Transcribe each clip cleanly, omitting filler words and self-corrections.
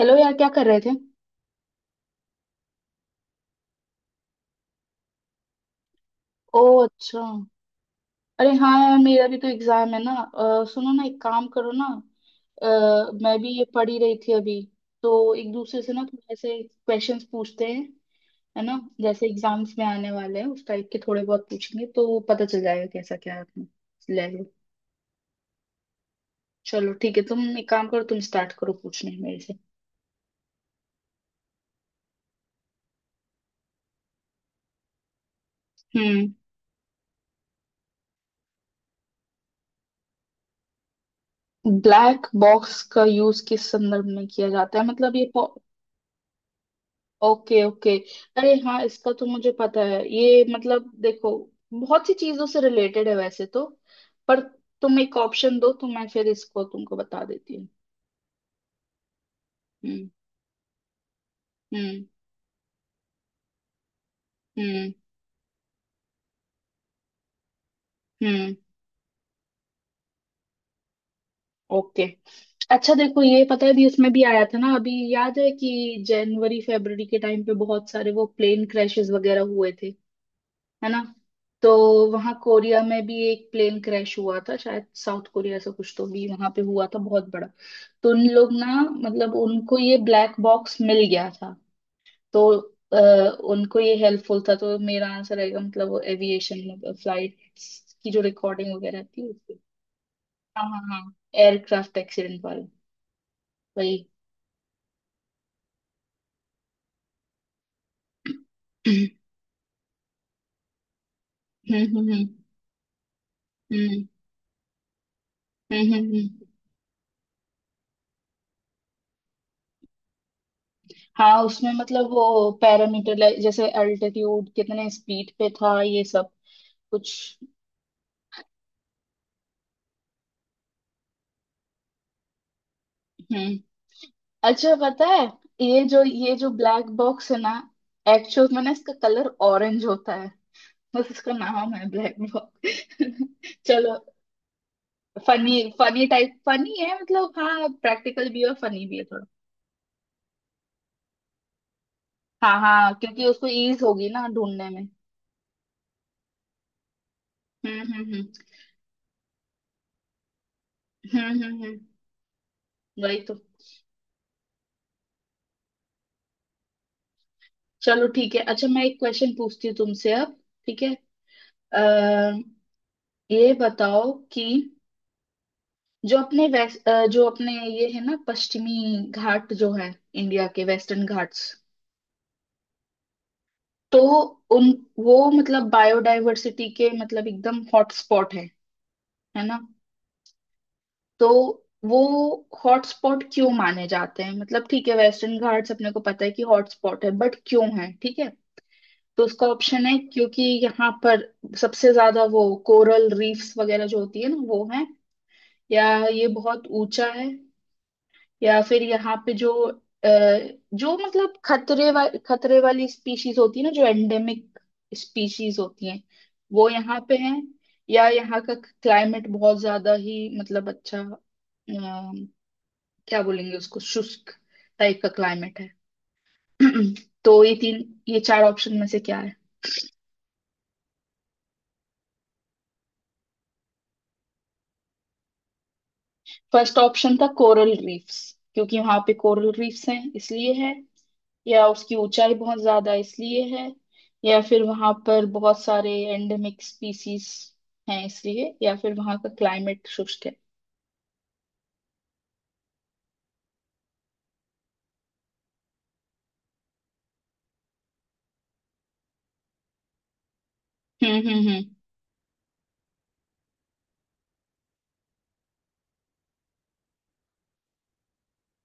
Hello यार, क्या कर रहे थे। ओ अच्छा। अरे हाँ यार, मेरा भी तो एग्जाम है ना। सुनो ना, एक काम करो ना। मैं भी ये पढ़ ही रही थी अभी। तो एक दूसरे से ना थोड़े ऐसे क्वेश्चंस पूछते हैं, है ना। जैसे एग्जाम्स में आने वाले हैं उस टाइप के थोड़े बहुत पूछेंगे तो पता चल जाएगा कैसा क्या है अपना लेवल। चलो ठीक है, तुम एक काम करो, तुम स्टार्ट करो पूछने मेरे से। हम्म। ब्लैक बॉक्स का यूज किस संदर्भ में किया जाता है मतलब ये। Okay okay. अरे हाँ, इसका तो मुझे पता है। ये मतलब देखो, बहुत सी चीजों से रिलेटेड है वैसे तो। पर तुम एक ऑप्शन दो तो मैं फिर इसको तुमको बता देती हूँ। हम्म। हम्म। हम्म। हम्म। ओके। अच्छा देखो, ये पता है भी, इसमें भी आया था ना अभी, याद है कि जनवरी फरवरी के टाइम पे बहुत सारे वो प्लेन क्रैशेस वगैरह हुए थे, है ना। तो वहां कोरिया में भी एक प्लेन क्रैश हुआ था शायद, साउथ कोरिया से कुछ तो भी वहां पे हुआ था बहुत बड़ा। तो उन लोग ना, मतलब उनको ये ब्लैक बॉक्स मिल गया था। तो अ, उनको ये हेल्पफुल था तो मेरा आंसर रहेगा, मतलब वो एविएशन में फ्लाइट्स की जो रिकॉर्डिंग वगैरह थी उसके। हाँ हाँ हाँ, एयरक्राफ्ट एक्सीडेंट वाला वही। हम्म। हम्म हम्म। हाँ उसमें मतलब वो पैरामीटर जैसे अल्टीट्यूड, कितने स्पीड पे था, ये सब कुछ। हम्म। अच्छा पता है, ये जो ब्लैक बॉक्स है ना, एक्चुअल में ना इसका कलर ऑरेंज होता है। बस इसका नाम है ब्लैक बॉक्स। चलो फनी, फनी टाइप, फनी है मतलब। हाँ प्रैक्टिकल भी है और फनी भी है थोड़ा। हाँ हाँ, क्योंकि उसको ईज होगी ना ढूंढने में। हम्म। हम्म हम्म हम्म, वही तो। चलो ठीक है, अच्छा मैं एक क्वेश्चन पूछती हूँ तुमसे अब, ठीक है। अः ये बताओ कि जो अपने वेस्ट जो अपने ये है ना पश्चिमी घाट जो है, इंडिया के वेस्टर्न घाट्स, तो उन, वो मतलब बायोडायवर्सिटी के मतलब एकदम हॉटस्पॉट है ना। तो वो हॉटस्पॉट क्यों माने जाते हैं, मतलब ठीक है वेस्टर्न घाट्स अपने को पता है कि हॉटस्पॉट है बट क्यों है, ठीक है। तो उसका ऑप्शन है क्योंकि यहाँ पर सबसे ज्यादा वो कोरल रीफ्स वगैरह जो होती है ना वो है, या ये बहुत ऊंचा है, या फिर यहाँ पे जो अ, जो मतलब खतरे वाली स्पीशीज होती है ना जो एंडेमिक स्पीशीज होती हैं वो यहाँ पे हैं, या यहाँ का क्लाइमेट बहुत ज्यादा ही मतलब अच्छा, क्या बोलेंगे उसको, शुष्क टाइप का क्लाइमेट है। तो ये तीन, ये चार ऑप्शन में से क्या है। फर्स्ट ऑप्शन था कोरल रीफ्स, क्योंकि वहां पे कोरल रीफ्स हैं इसलिए है, या उसकी ऊंचाई बहुत ज्यादा इसलिए है, या फिर वहां पर बहुत सारे एंडेमिक स्पीसीज हैं इसलिए, या फिर वहां का क्लाइमेट शुष्क है। हम्म।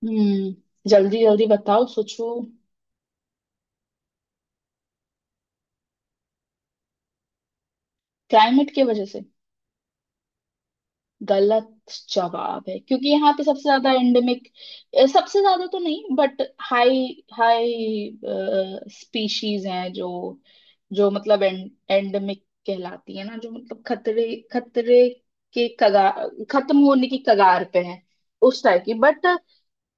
जल्दी जल्दी बताओ, सोचो। क्लाइमेट की वजह से गलत जवाब है, क्योंकि यहाँ पे सबसे ज्यादा एंडेमिक, सबसे ज्यादा तो नहीं बट हाई, हाई स्पीशीज हैं जो, जो मतलब एंडेमिक कहलाती है ना, जो मतलब खतरे, खतरे के कगार, खत्म होने की कगार पे है, उस टाइप की। बट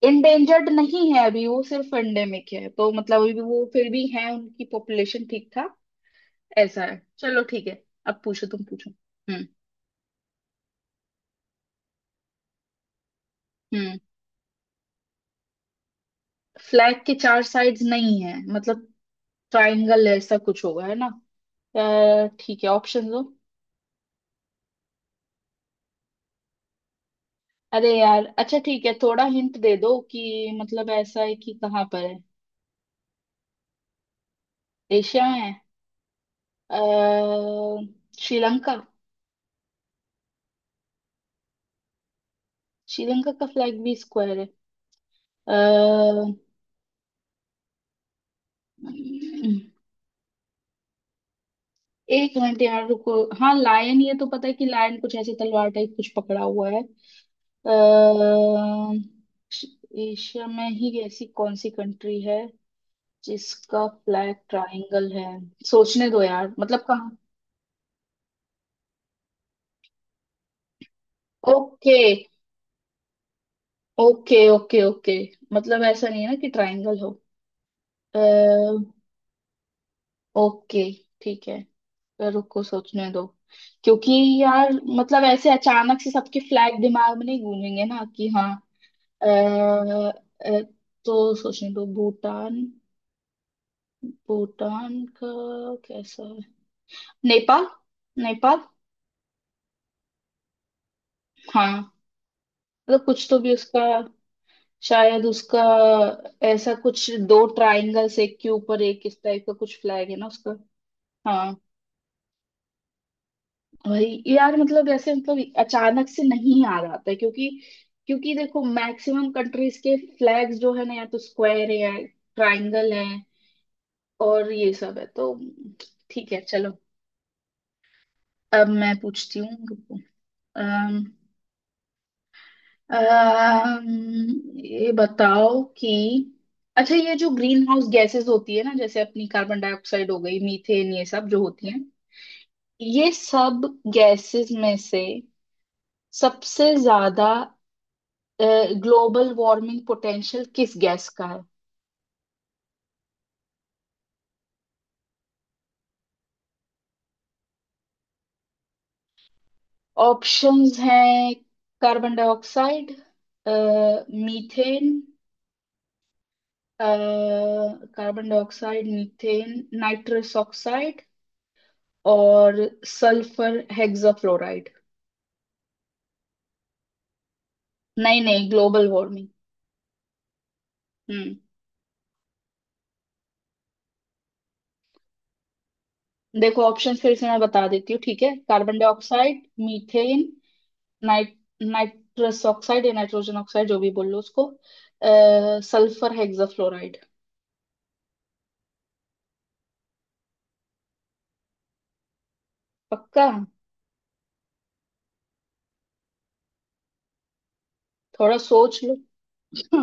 इंडेंजर्ड नहीं है अभी वो, सिर्फ एंडेमिक है, तो मतलब अभी भी वो फिर भी है, उनकी पॉपुलेशन ठीक ठाक ऐसा है। चलो ठीक है, अब पूछो तुम, पूछो। हम्म। हम्म। फ्लैग के चार साइड्स नहीं है मतलब ट्रायंगल ऐसा कुछ होगा, है ना। ठीक है, ऑप्शन दो। अरे यार, अच्छा ठीक है, थोड़ा हिंट दे दो कि मतलब ऐसा है कि कहाँ पर है। एशिया में है। अ, श्रीलंका। श्रीलंका का फ्लैग भी स्क्वायर है। अ, एक मिनट यार, रुको। हाँ लायन ये तो पता है, कि लायन कुछ ऐसे तलवार टाइप कुछ पकड़ा हुआ है। अ, एशिया में ही ऐसी कौन सी कंट्री है जिसका ब्लैक ट्रायंगल है। सोचने दो यार, मतलब कहाँ। ओके ओके ओके ओके, मतलब ऐसा नहीं है ना कि ट्रायंगल हो। अः ओके ठीक है, तो रुको सोचने दो। क्योंकि यार मतलब ऐसे अचानक से सबके फ्लैग दिमाग में नहीं गूंजेंगे ना कि हाँ। अः तो सोचने दो, भूटान, भूटान का कैसा है, नेपाल, नेपाल। हाँ मतलब कुछ तो भी उसका शायद, उसका ऐसा कुछ दो ट्रायंगल्स एक के ऊपर एक इस टाइप का कुछ फ्लैग है ना उसका। हाँ वही यार, मतलब ऐसे मतलब अचानक से नहीं याद आता है क्योंकि, क्योंकि देखो मैक्सिमम कंट्रीज के फ्लैग्स जो है ना या तो स्क्वायर है या ट्रायंगल है और ये सब है तो। ठीक है चलो, अब मैं पूछती हूँ। ये बताओ कि, अच्छा ये जो ग्रीन हाउस गैसेस होती है ना, जैसे अपनी कार्बन डाइऑक्साइड हो गई, मीथेन, ये सब जो होती हैं, ये सब गैसेस में से सबसे ज्यादा ग्लोबल वार्मिंग पोटेंशियल किस गैस का है। ऑप्शंस हैं, carbon dioxide, methane, carbon dioxide, methane, nitrous oxide, और सल्फर हेक्साफ्लोराइड। नहीं नहीं, ग्लोबल वार्मिंग। हम्म। देखो ऑप्शन फिर से मैं बता देती हूँ, ठीक है, carbon dioxide, methane, nitrous oxide या नाइट्रोजन ऑक्साइड जो भी बोल लो उसको, सल्फर हेक्साफ्लोराइड। पक्का, थोड़ा सोच लो।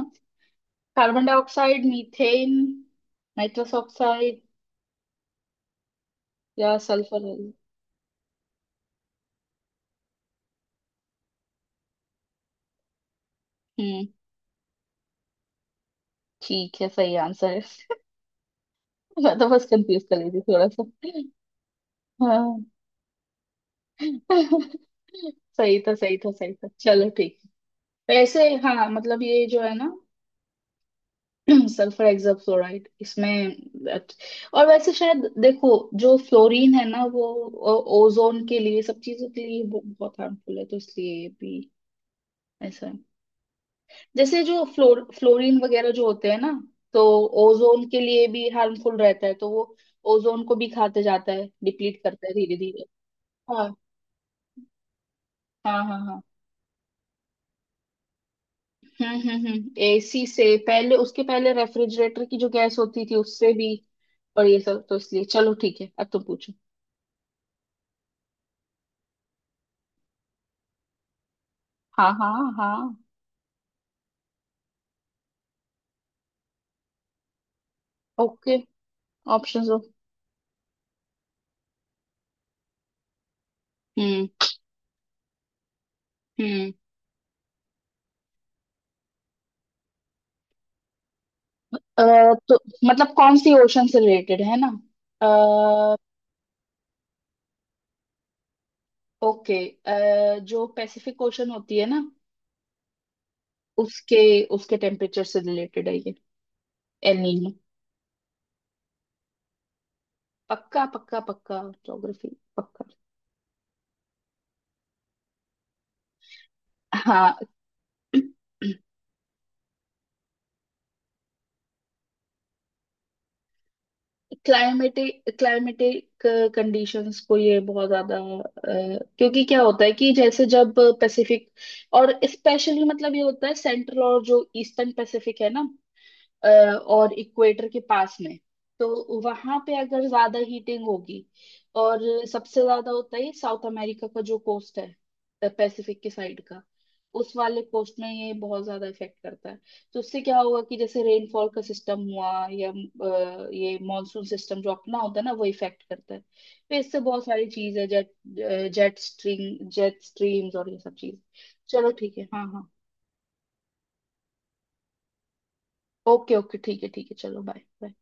Carbon dioxide, methane, nitrous oxide या सल्फर। हम्म ठीक है, सही आंसर है। मैं तो बस कंफ्यूज कर रही थी थोड़ा सा। हाँ। सही था, सही था, सही था, चलो ठीक। वैसे हाँ मतलब ये जो है ना सल्फर हेक्साफ्लोराइड इसमें that- और वैसे शायद देखो, जो फ्लोरीन है ना वो ओजोन के लिए, सब चीजों के लिए वो बहुत हार्मफुल है, तो इसलिए ये भी ऐसा है। जैसे जो फ्लोरीन वगैरह जो होते हैं ना, तो ओजोन के लिए भी हार्मफुल रहता है, तो वो ओजोन को भी खाते जाता है, डिप्लीट करता है धीरे धीरे। हाँ हाँ हाँ हाँ। हम्म, एसी से पहले, उसके पहले रेफ्रिजरेटर की जो गैस होती थी उससे भी, और ये सब, तो इसलिए। चलो ठीक है, अब तुम पूछो। हाँ हाँ हाँ। ओके, ऑप्शंस दो। हम्म हम्म, अ, तो मतलब कौन सी ओशन से रिलेटेड है ना। अ, ओके, जो पैसिफिक ओशन होती है ना, उसके, उसके टेम्परेचर से रिलेटेड है ये एल नीनो। पक्का पक्का पक्का, ज्योग्राफी पक्का। हाँ। क्लाइमेटिक, क्लाइमेटिक कंडीशंस को ये बहुत ज्यादा क्योंकि क्या होता है कि जैसे जब पैसिफिक, और स्पेशली मतलब ये होता है सेंट्रल और जो ईस्टर्न पैसिफिक है ना, और इक्वेटर के पास में, तो वहां पे अगर ज्यादा हीटिंग होगी, और सबसे ज्यादा होता है साउथ अमेरिका का जो कोस्ट है, पैसिफिक के साइड का, उस वाले कोस्ट में ये बहुत ज्यादा इफेक्ट करता है। तो उससे क्या होगा कि जैसे रेनफॉल का सिस्टम हुआ या ये मॉनसून सिस्टम जो अपना होता है ना वो इफेक्ट करता है, तो इससे बहुत सारी चीज है, jet jet stream, jet streams और ये सब चीज। चलो ठीक है, हाँ हाँ। ओके ओके ठीक है चलो, बाय।